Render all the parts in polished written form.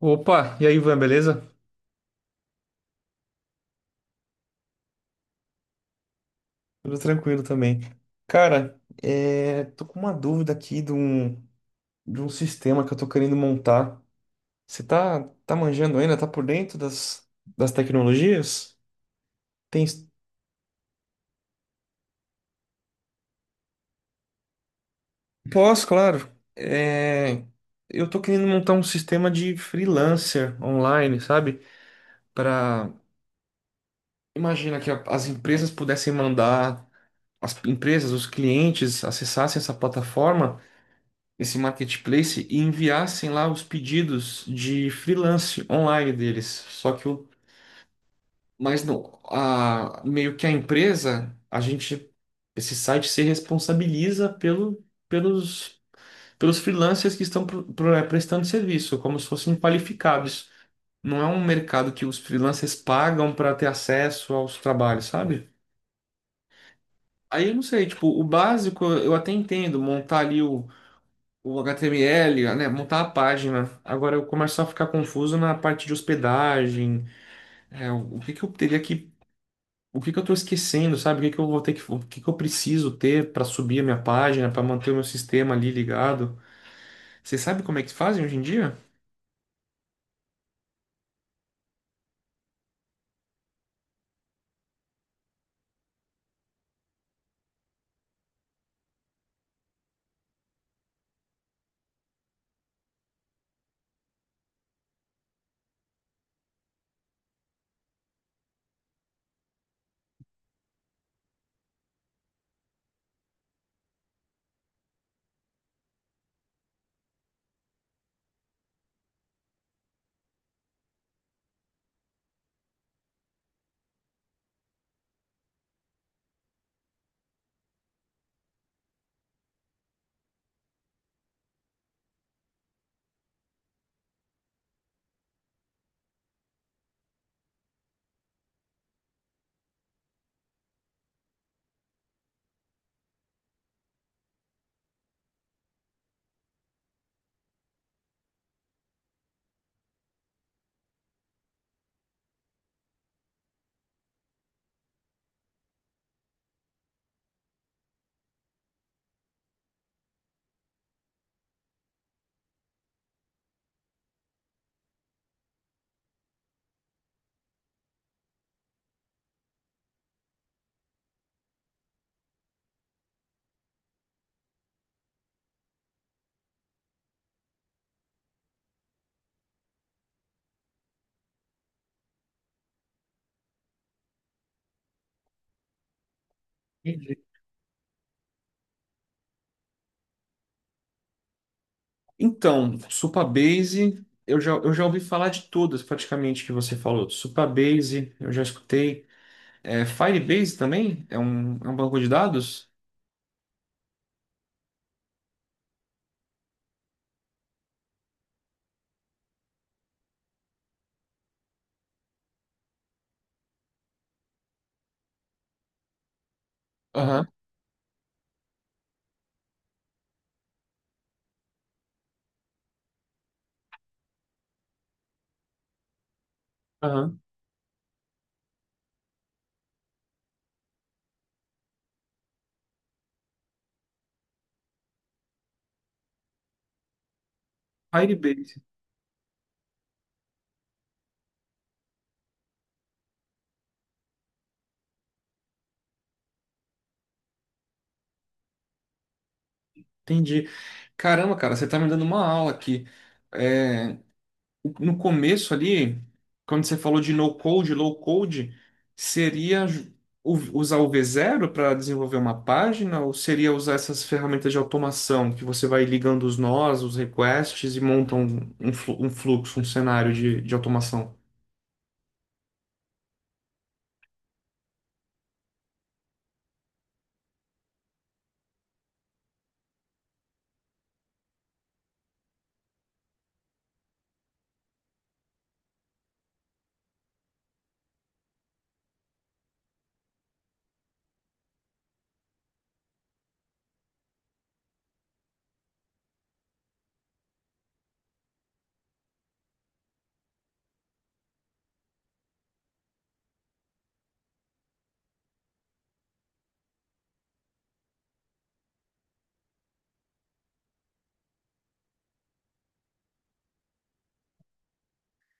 Opa, e aí, Ivan, beleza? Tudo tranquilo também. Cara, tô com uma dúvida aqui de um sistema que eu tô querendo montar. Você tá manjando ainda? Tá por dentro das tecnologias? Tem... Posso, claro. Eu tô querendo montar um sistema de freelancer online, sabe? Para imagina que as empresas pudessem mandar, as empresas, os clientes acessassem essa plataforma esse marketplace e enviassem lá os pedidos de freelance online deles. Só mas não, a, meio que a empresa, a gente, esse site se responsabiliza pelos freelancers que estão prestando serviço, como se fossem qualificados. Não é um mercado que os freelancers pagam para ter acesso aos trabalhos, sabe? Aí eu não sei, tipo, o básico eu até entendo, montar ali o HTML, né, montar a página. Agora eu começo a ficar confuso na parte de hospedagem, o que que eu teria o que que eu estou esquecendo, sabe? O que que eu vou ter que, o que que eu preciso ter para subir a minha página, para manter o meu sistema ali ligado? Você sabe como é que fazem hoje em dia? Entendi. Então, Supabase, eu já ouvi falar de todas praticamente que você falou. Supabase, eu já escutei. É, Firebase também? É um banco de dados? Aham, aham. Firebase, entendi. Caramba, cara, você tá me dando uma aula aqui. É, no começo ali, quando você falou de no-code, low-code, seria usar o V0 para desenvolver uma página ou seria usar essas ferramentas de automação que você vai ligando os nós, os requests e monta um um fluxo, um cenário de automação?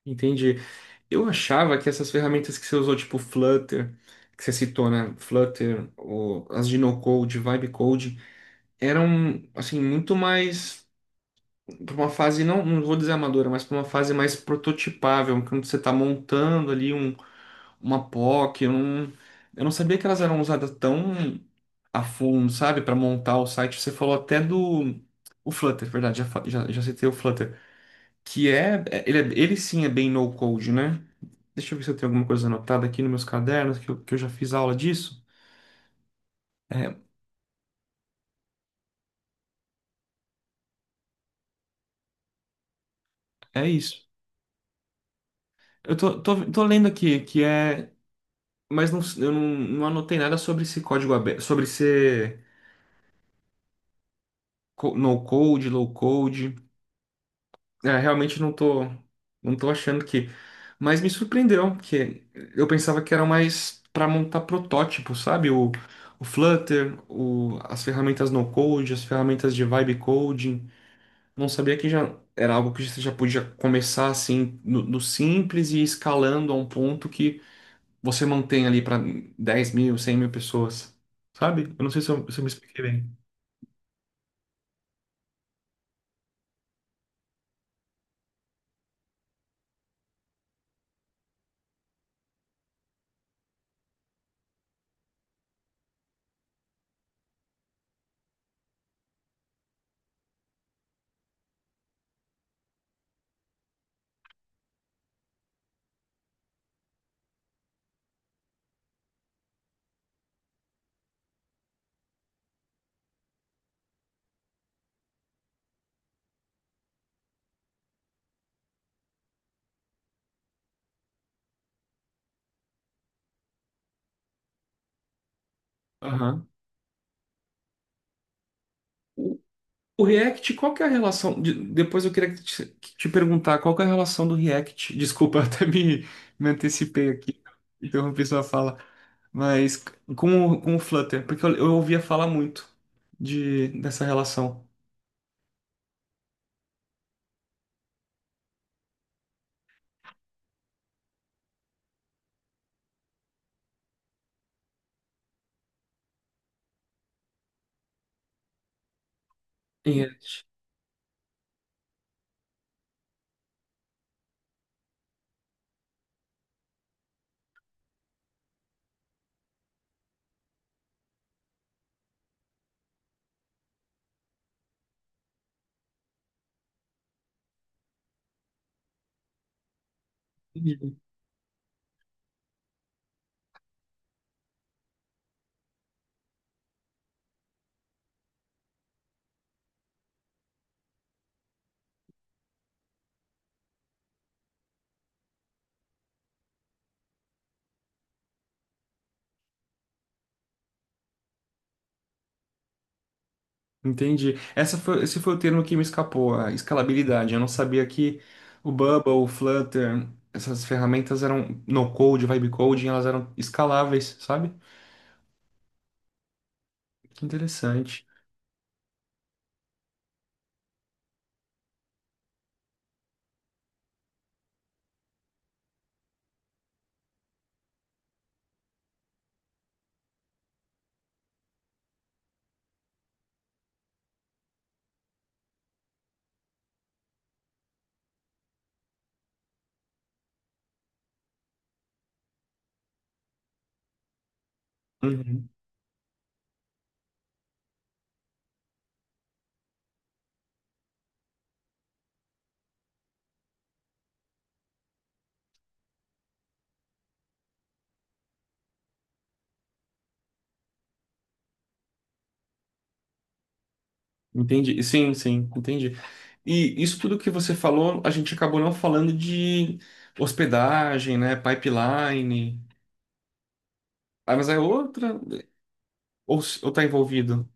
Entendi. Eu achava que essas ferramentas que você usou, tipo Flutter, que você citou, né? Flutter, ou as de no-code, vibe code eram assim muito mais para uma fase não, não vou dizer amadora, mas para uma fase mais prototipável, quando você está montando ali uma POC, eu não sabia que elas eram usadas tão a fundo, sabe, para montar o site. Você falou até do o Flutter, verdade, já citei o Flutter, que ele sim é bem no code, né? Deixa eu ver se eu tenho alguma coisa anotada aqui nos meus cadernos, que eu já fiz aula disso. É, é isso. Eu tô lendo aqui que é mas não, eu não, não anotei nada sobre esse código aberto, sobre ser no code, low code. É, realmente não tô achando que. Mas me surpreendeu, porque eu pensava que era mais para montar protótipo, sabe? O Flutter, o, as ferramentas no code, as ferramentas de vibe coding. Não sabia que já era algo que você já podia começar assim no simples e ir escalando a um ponto que você mantém ali para 10 mil, 100 mil pessoas, sabe? Eu não sei se eu me expliquei bem. Aham. O, o React, qual que é a relação? Depois eu queria te perguntar qual que é a relação do React. Desculpa, eu me antecipei aqui, interrompi sua fala. Mas com o Flutter, porque eu ouvia falar muito dessa relação. React. Entendi. Esse foi o termo que me escapou, a escalabilidade. Eu não sabia que o Bubble, o Flutter, essas ferramentas eram no-code, vibe-coding, elas eram escaláveis, sabe? Que interessante. Uhum. Entendi. Sim, sim, entendi. E isso tudo que você falou, a gente acabou não falando de hospedagem, né? Pipeline. Ah, mas é outra? Ou tá envolvido?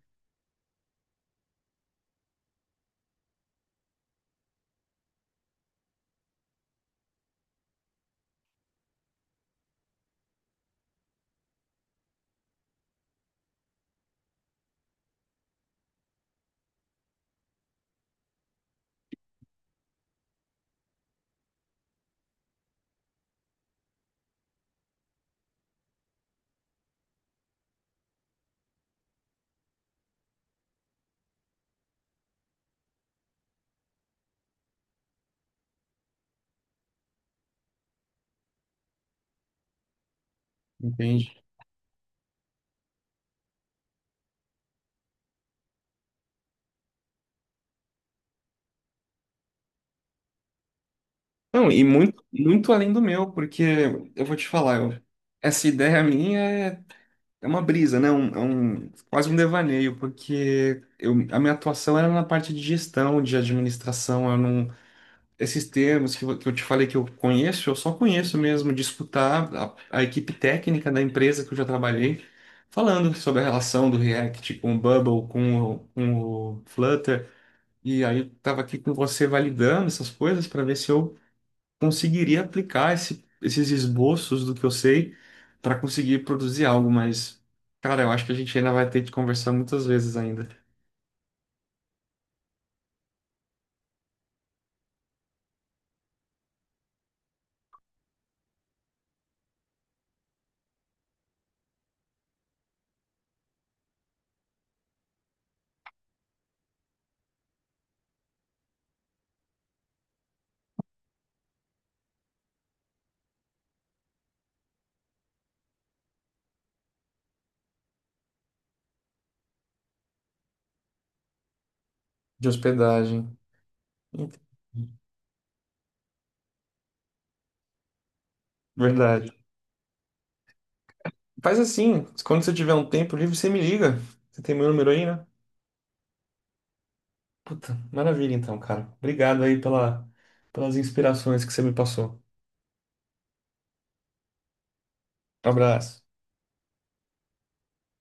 Entendi. Não, e muito, muito além do meu, porque eu vou te falar, essa ideia minha é uma brisa, né? É um, quase um devaneio, porque eu, a minha atuação era na parte de gestão, de administração, eu não, esses termos que eu te falei que eu conheço, eu só conheço mesmo de escutar a equipe técnica da empresa que eu já trabalhei, falando sobre a relação do React com o Bubble, com o Flutter, e aí eu tava aqui com você validando essas coisas para ver se eu conseguiria aplicar esses esboços do que eu sei para conseguir produzir algo, mas, cara, eu acho que a gente ainda vai ter que conversar muitas vezes ainda de hospedagem. Verdade. Faz assim, quando você tiver um tempo livre, você me liga. Você tem meu número aí, né? Puta, maravilha então, cara. Obrigado aí pela, pelas inspirações que você me passou. Um abraço.